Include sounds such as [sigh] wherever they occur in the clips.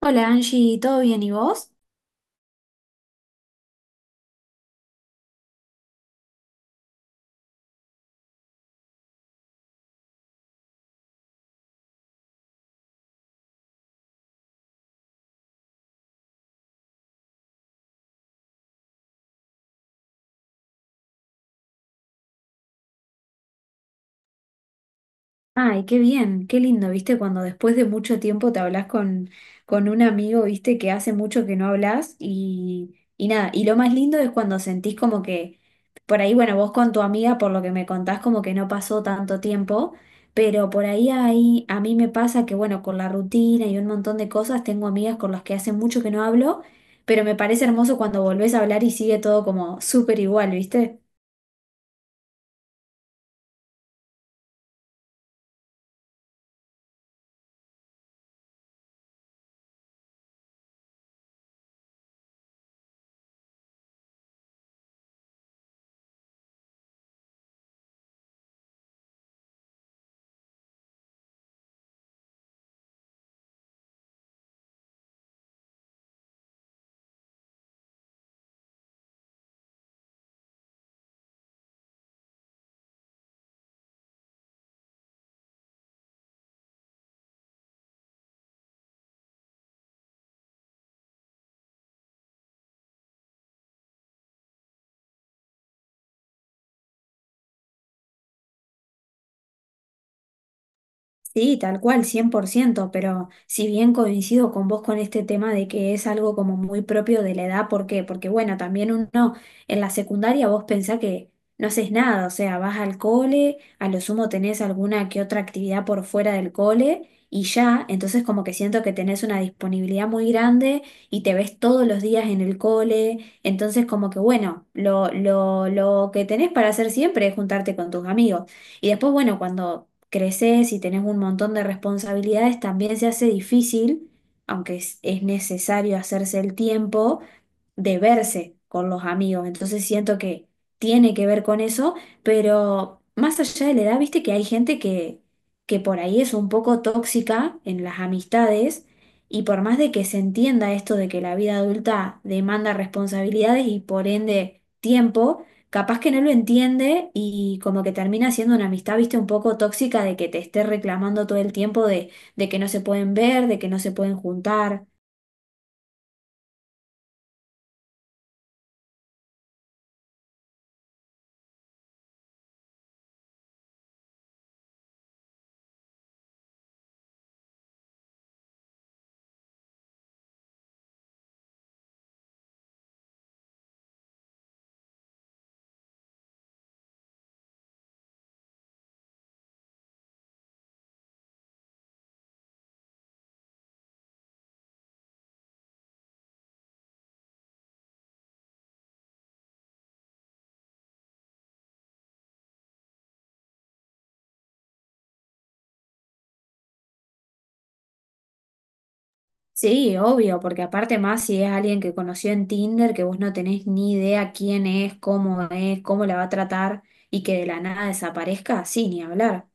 Hola Angie, ¿todo bien y vos? Ay, qué bien, qué lindo, ¿viste? Cuando después de mucho tiempo te hablas con un amigo, ¿viste? Que hace mucho que no hablas y nada, y lo más lindo es cuando sentís como que, por ahí, bueno, vos con tu amiga, por lo que me contás, como que no pasó tanto tiempo, pero por ahí, ahí a mí me pasa que, bueno, con la rutina y un montón de cosas, tengo amigas con las que hace mucho que no hablo, pero me parece hermoso cuando volvés a hablar y sigue todo como súper igual, ¿viste? Sí, tal cual, 100%, pero si bien coincido con vos con este tema de que es algo como muy propio de la edad, ¿por qué? Porque bueno, también uno en la secundaria vos pensás que no haces nada, o sea, vas al cole, a lo sumo tenés alguna que otra actividad por fuera del cole y ya, entonces como que siento que tenés una disponibilidad muy grande y te ves todos los días en el cole, entonces como que bueno, lo que tenés para hacer siempre es juntarte con tus amigos. Y después, bueno, cuando creces y tenés un montón de responsabilidades, también se hace difícil, aunque es necesario hacerse el tiempo, de verse con los amigos. Entonces siento que tiene que ver con eso, pero más allá de la edad, viste que hay gente que por ahí es un poco tóxica en las amistades y por más de que se entienda esto de que la vida adulta demanda responsabilidades y por ende tiempo, capaz que no lo entiende y como que termina siendo una amistad, viste, un poco tóxica de que te esté reclamando todo el tiempo de que no se pueden ver, de que no se pueden juntar. Sí, obvio, porque aparte más si es alguien que conoció en Tinder, que vos no tenés ni idea quién es, cómo la va a tratar y que de la nada desaparezca, sí, ni hablar.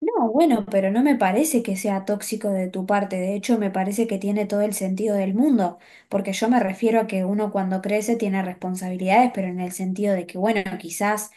No, bueno, pero no me parece que sea tóxico de tu parte, de hecho me parece que tiene todo el sentido del mundo, porque yo me refiero a que uno cuando crece tiene responsabilidades, pero en el sentido de que, bueno, quizás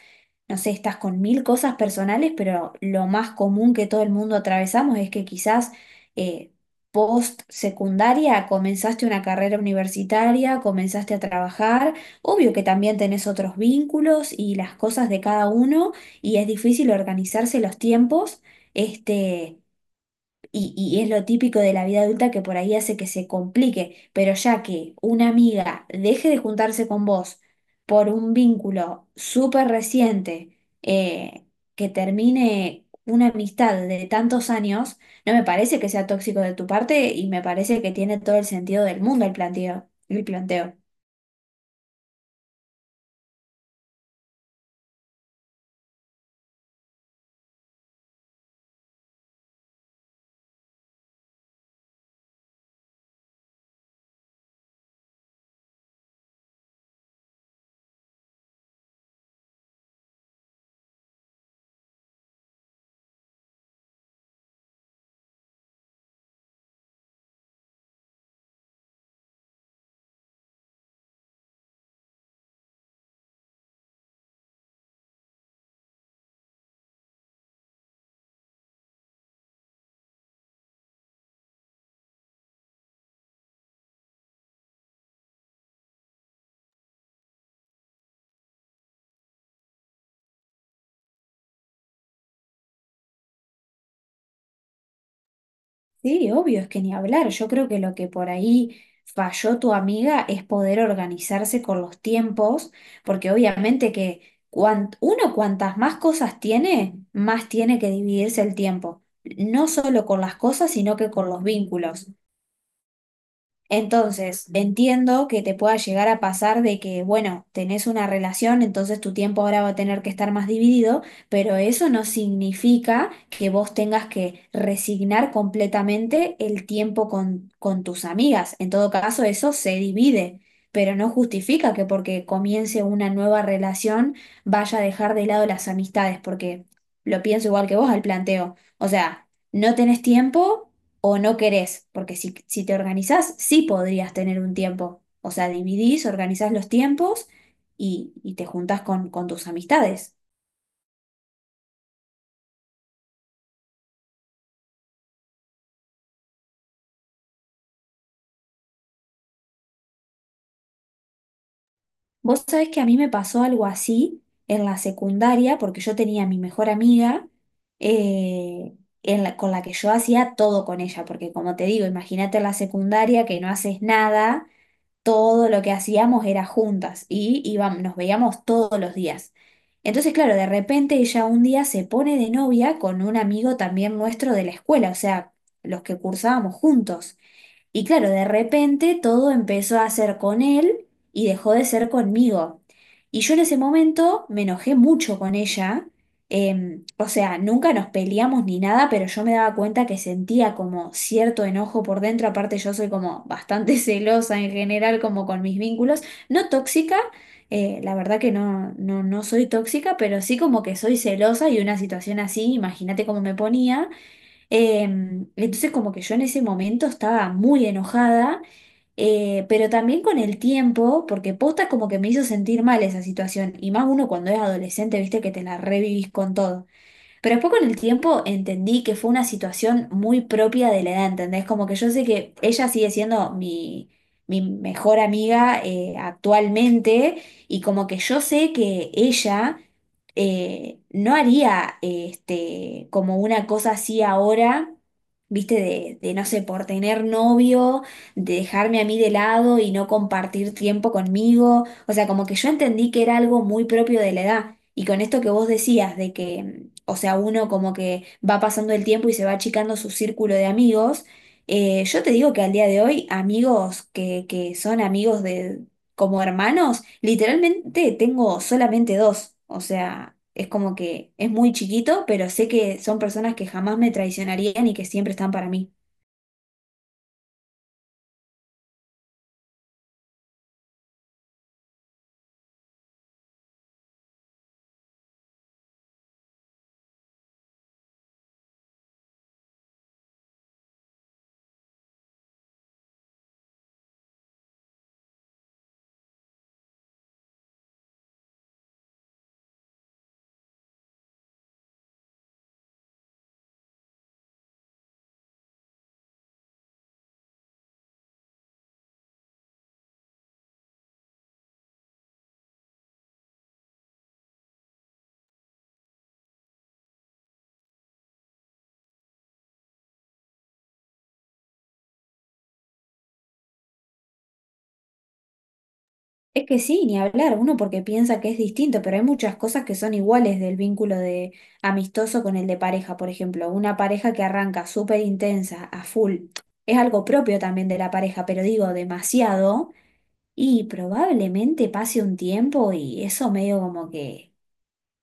no sé, estás con mil cosas personales, pero lo más común que todo el mundo atravesamos es que quizás eh, post secundaria comenzaste una carrera universitaria, comenzaste a trabajar, obvio que también tenés otros vínculos y las cosas de cada uno y es difícil organizarse los tiempos. Este, y es lo típico de la vida adulta que por ahí hace que se complique, pero ya que una amiga deje de juntarse con vos por un vínculo súper reciente, que termine una amistad de tantos años, no me parece que sea tóxico de tu parte y me parece que tiene todo el sentido del mundo el planteo, el planteo. Sí, obvio, es que ni hablar. Yo creo que lo que por ahí falló tu amiga es poder organizarse con los tiempos, porque obviamente que uno cuantas más cosas tiene, más tiene que dividirse el tiempo, no solo con las cosas, sino que con los vínculos. Entonces, entiendo que te pueda llegar a pasar de que, bueno, tenés una relación, entonces tu tiempo ahora va a tener que estar más dividido, pero eso no significa que vos tengas que resignar completamente el tiempo con tus amigas. En todo caso, eso se divide, pero no justifica que porque comience una nueva relación vaya a dejar de lado las amistades, porque lo pienso igual que vos al planteo. O sea, no tenés tiempo o no querés, porque si te organizás, sí podrías tener un tiempo. O sea, dividís, organizás los tiempos y te juntás con tus amistades. Vos sabés que a mí me pasó algo así en la secundaria, porque yo tenía a mi mejor amiga eh, con la que yo hacía todo con ella, porque como te digo, imagínate la secundaria que no haces nada, todo lo que hacíamos era juntas y íbamos, nos veíamos todos los días. Entonces, claro, de repente ella un día se pone de novia con un amigo también nuestro de la escuela, o sea, los que cursábamos juntos. Y claro, de repente todo empezó a ser con él y dejó de ser conmigo. Y yo en ese momento me enojé mucho con ella. O sea, nunca nos peleamos ni nada, pero yo me daba cuenta que sentía como cierto enojo por dentro. Aparte, yo soy como bastante [laughs] celosa en general, como con mis vínculos. No tóxica, la verdad que no, no soy tóxica, pero sí como que soy celosa y una situación así, imagínate cómo me ponía. Entonces como que yo en ese momento estaba muy enojada, pero también con el tiempo, porque posta como que me hizo sentir mal esa situación, y más uno cuando es adolescente, viste que te la revivís con todo. Pero después con el tiempo entendí que fue una situación muy propia de la edad, ¿entendés? Como que yo sé que ella sigue siendo mi mejor amiga actualmente y como que yo sé que ella no haría este, como una cosa así ahora. Viste, de no sé, por tener novio, de dejarme a mí de lado y no compartir tiempo conmigo. O sea, como que yo entendí que era algo muy propio de la edad. Y con esto que vos decías, de que o sea, uno como que va pasando el tiempo y se va achicando su círculo de amigos. Yo te digo que al día de hoy, amigos que son amigos de como hermanos, literalmente tengo solamente 2. O sea, es como que es muy chiquito, pero sé que son personas que jamás me traicionarían y que siempre están para mí. Es que sí, ni hablar, uno porque piensa que es distinto, pero hay muchas cosas que son iguales del vínculo de amistoso con el de pareja, por ejemplo, una pareja que arranca súper intensa, a full, es algo propio también de la pareja, pero digo demasiado, y probablemente pase un tiempo y eso medio como que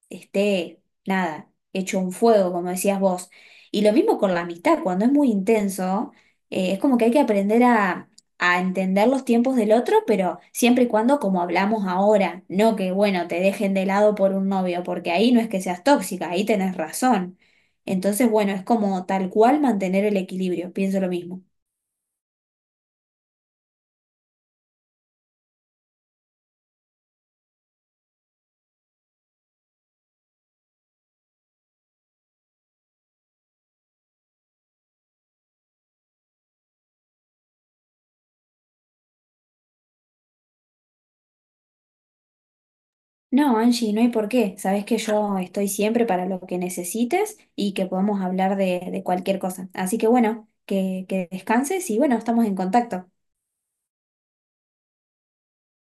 esté, nada, hecho un fuego, como decías vos. Y lo mismo con la amistad, cuando es muy intenso, es como que hay que aprender a entender los tiempos del otro, pero siempre y cuando como hablamos ahora, no que, bueno, te dejen de lado por un novio, porque ahí no es que seas tóxica, ahí tenés razón. Entonces, bueno, es como tal cual mantener el equilibrio, pienso lo mismo. No, Angie, no hay por qué. Sabes que yo estoy siempre para lo que necesites y que podemos hablar de cualquier cosa. Así que bueno, que descanses y bueno, estamos en contacto.